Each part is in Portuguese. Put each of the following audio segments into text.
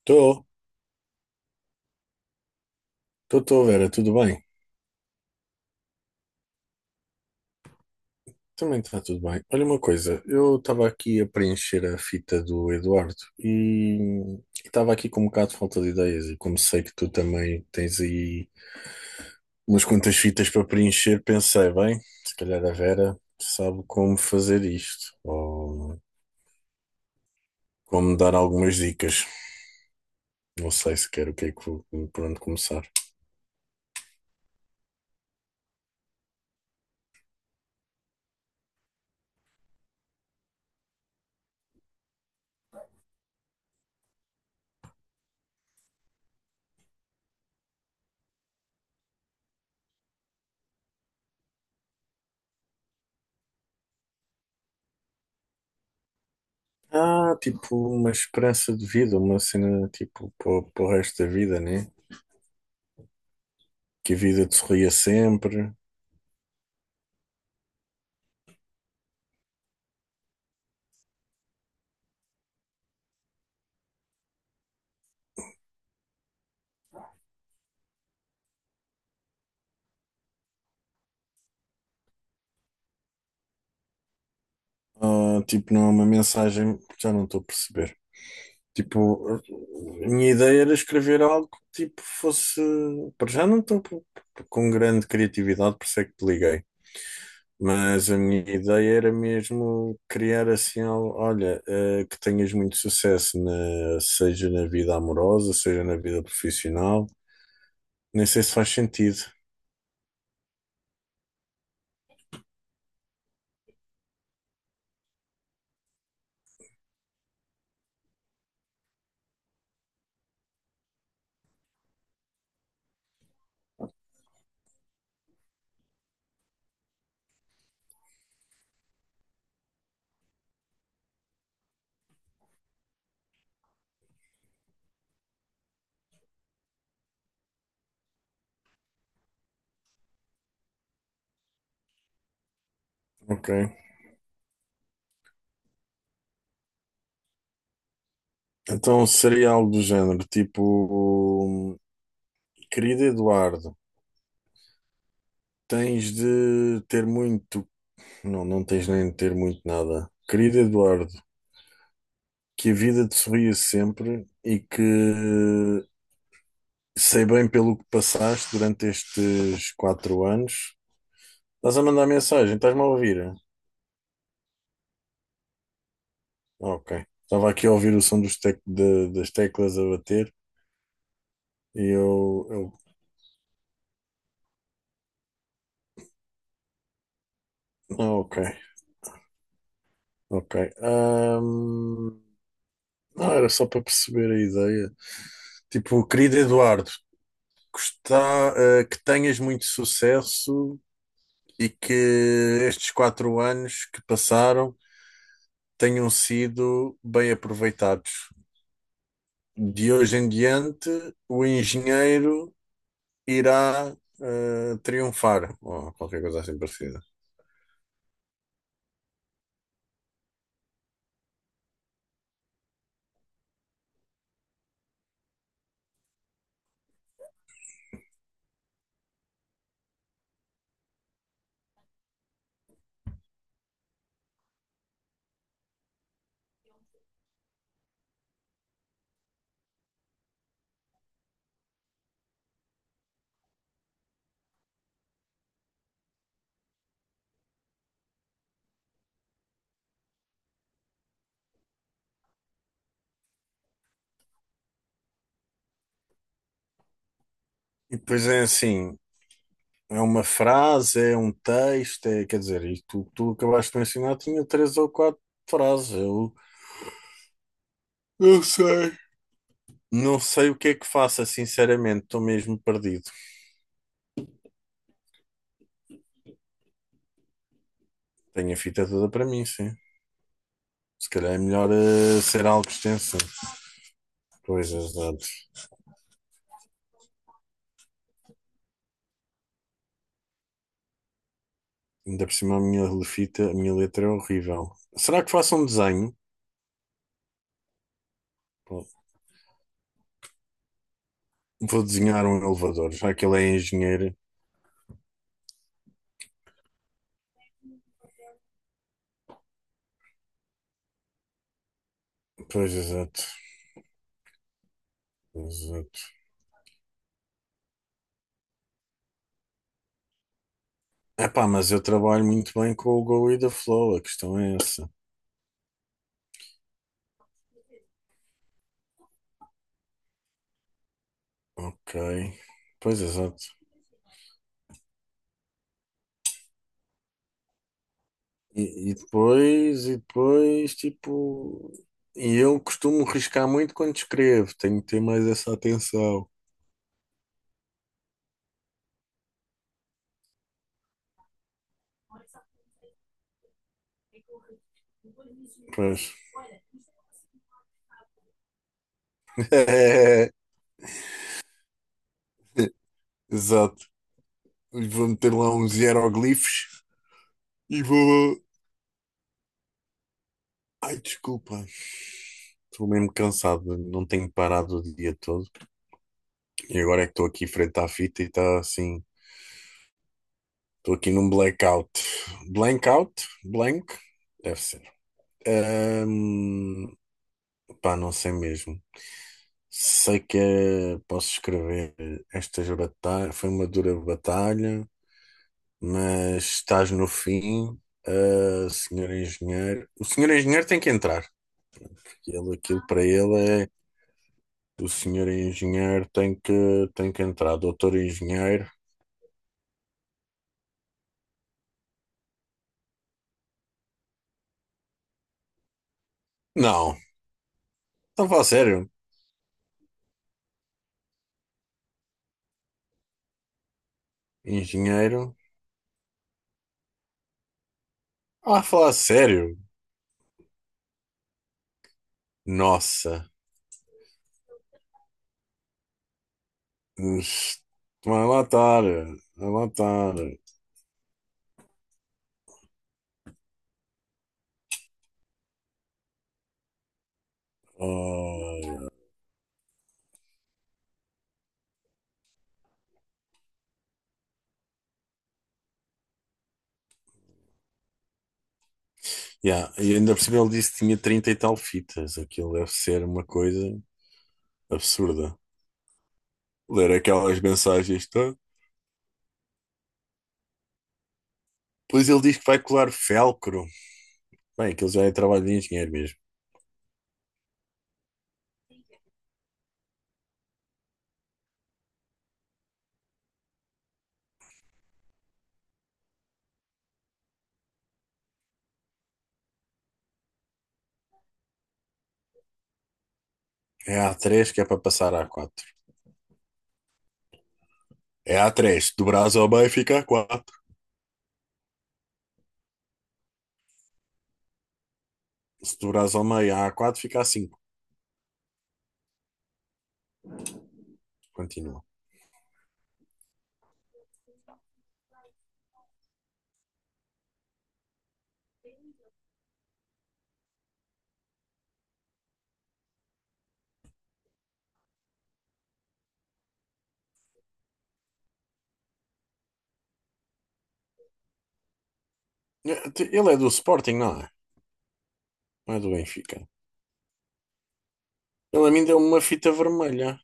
Estou, estou, Vera, tudo bem? Também está tudo bem. Olha, uma coisa, eu estava aqui a preencher a fita do Eduardo e estava aqui com um bocado de falta de ideias, e como sei que tu também tens aí umas quantas fitas para preencher, pensei, bem, se calhar a Vera sabe como fazer isto ou como dar algumas dicas. Não sei sequer o que é que por onde começar. Ah, tipo, uma esperança de vida, uma cena tipo para o resto da vida, né? Que a vida te sorria sempre. Ah, tipo, não é uma mensagem, já não estou a perceber. Tipo, a minha ideia era escrever algo que tipo fosse. Para já não estou com grande criatividade, por isso é que te liguei. Mas a minha ideia era mesmo criar assim algo, olha, que tenhas muito sucesso, seja na vida amorosa, seja na vida profissional. Nem sei se faz sentido. Ok. Então seria algo do género, tipo, querido Eduardo, tens de ter muito. Não, não tens nem de ter muito nada. Querido Eduardo, que a vida te sorria sempre e que sei bem pelo que passaste durante estes 4 anos. Estás a mandar mensagem, estás-me a ouvir? Ok. Estava aqui a ouvir o som dos das teclas a bater e eu. Ok, ok. Ahm, Não, era só para perceber a ideia. Tipo, querido Eduardo, gostar, que tenhas muito sucesso e que estes 4 anos que passaram tenham sido bem aproveitados. De hoje em diante, o engenheiro irá triunfar, ou qualquer coisa assim parecida. E depois é assim, é uma frase, é um texto, é, quer dizer, e tu, tu acabaste de me ensinar, tinha três ou quatro frases. Eu não sei. Não sei o que é que faça, sinceramente, estou mesmo perdido. Tenho a fita toda para mim, sim. Se calhar é melhor ser algo extenso. Pois, exato. Ainda por cima a minha letra é horrível. Será que faço um desenho? Pô, vou desenhar um elevador, já que ele é engenheiro. Pois, exato. Exato. Epá, mas eu trabalho muito bem com o Go e da Flow, a questão é essa. Ok. Pois, exato. E depois, tipo... E eu costumo riscar muito quando escrevo, tenho que ter mais essa atenção. Pois. Exato. Vou meter lá uns hieroglifos. E vou. Ai, desculpa. Estou mesmo cansado, não tenho parado o dia todo. E agora é que estou aqui frente à fita e está assim. Estou aqui num blackout. Blackout? Blank? Deve ser. Ahm, pá, não sei mesmo. Sei que posso escrever estas batalhas. Foi uma dura batalha, mas estás no fim. Ah, senhor engenheiro. O senhor engenheiro tem que entrar. Ele, aquilo para ele é... O senhor engenheiro tem que entrar. Doutor engenheiro. Não, não a falar sério. Engenheiro. Ah, a falar sério. Nossa. Ux, vai lá estar. Vai lá estar. Oh, yeah. E ainda por cima ele disse que tinha trinta e tal fitas. Aquilo deve ser uma coisa absurda. Ler aquelas mensagens todas. Pois, ele diz que vai colar felcro. Bem, aquilo já é trabalho de engenheiro mesmo. É a três que é para passar a A4. É a três, do Brasil ao meio fica a quatro. Se do Brasil ao meio a quatro fica a cinco. Continua. Ele é do Sporting, não é? Não é do Benfica. Ele a mim deu uma fita vermelha.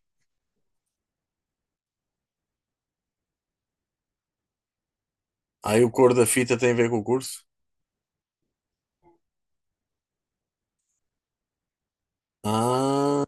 Aí o cor da fita tem a ver com o curso? Ah,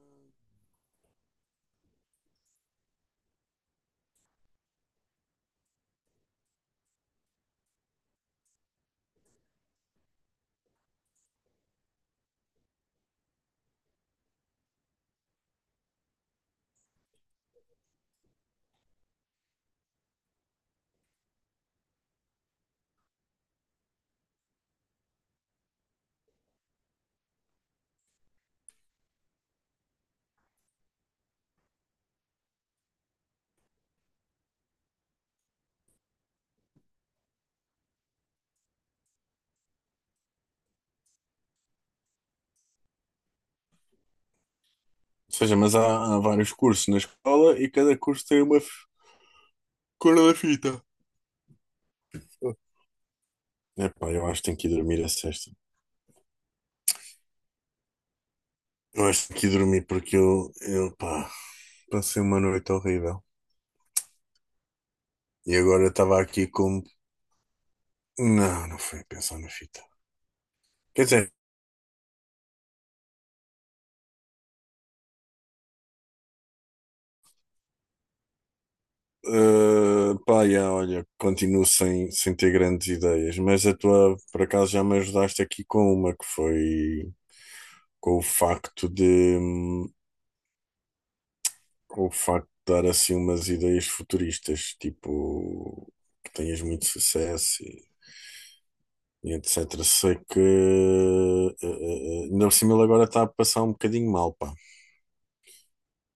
ou seja, mas há vários cursos na escola e cada curso tem uma cor da fita. Epá, eu acho que tenho que ir dormir a sexta. Eu acho que tenho que ir dormir porque eu, pá, passei uma noite horrível. E agora eu estava aqui como. Não, não foi a pensar na fita. Quer dizer, pá, yeah, olha, continuo sem ter grandes ideias, mas a tua, por acaso, já me ajudaste aqui com uma que foi com o facto de, com o facto de dar assim umas ideias futuristas, tipo que tenhas muito sucesso e etc. Sei que, ainda por cima, ele agora está a passar um bocadinho mal, pá,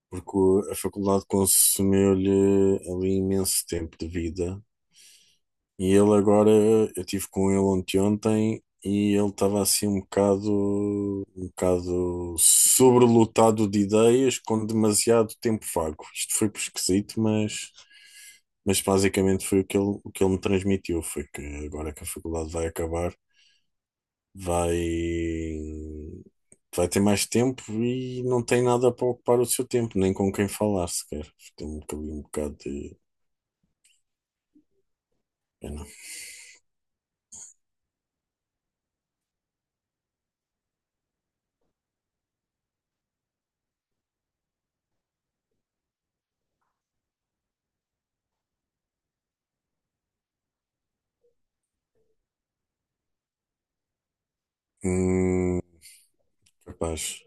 porque a faculdade consumeu-lhe ali imenso tempo de vida. E ele agora, eu estive com ele ontem, ontem, e ele estava assim um bocado sobrelotado de ideias, com demasiado tempo vago. Isto foi esquisito, mas, basicamente foi o que ele me transmitiu, foi que agora que a faculdade vai acabar, vai, vai ter mais tempo e não tem nada para ocupar o seu tempo, nem com quem falar sequer. Tem um bocado de pena. Hum, capaz.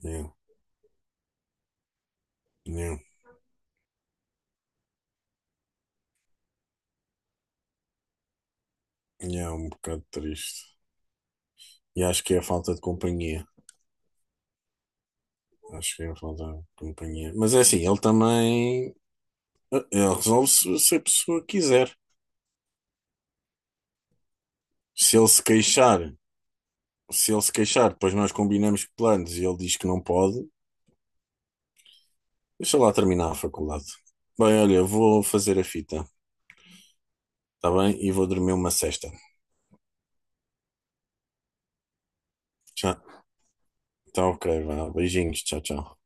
Yeah, yeah. E é um bocado triste. E acho que é a falta de companhia. Acho que é a falta de companhia. Mas é assim, ele também ele resolve se, se a pessoa quiser. Se ele se queixar, se ele se queixar, depois nós combinamos planos e ele diz que não pode, deixa lá terminar a faculdade. Bem, olha, vou fazer a fita, tá bem? E vou dormir uma sesta. Tchau. Tá, ok, vá. Beijinhos, tchau, tchau.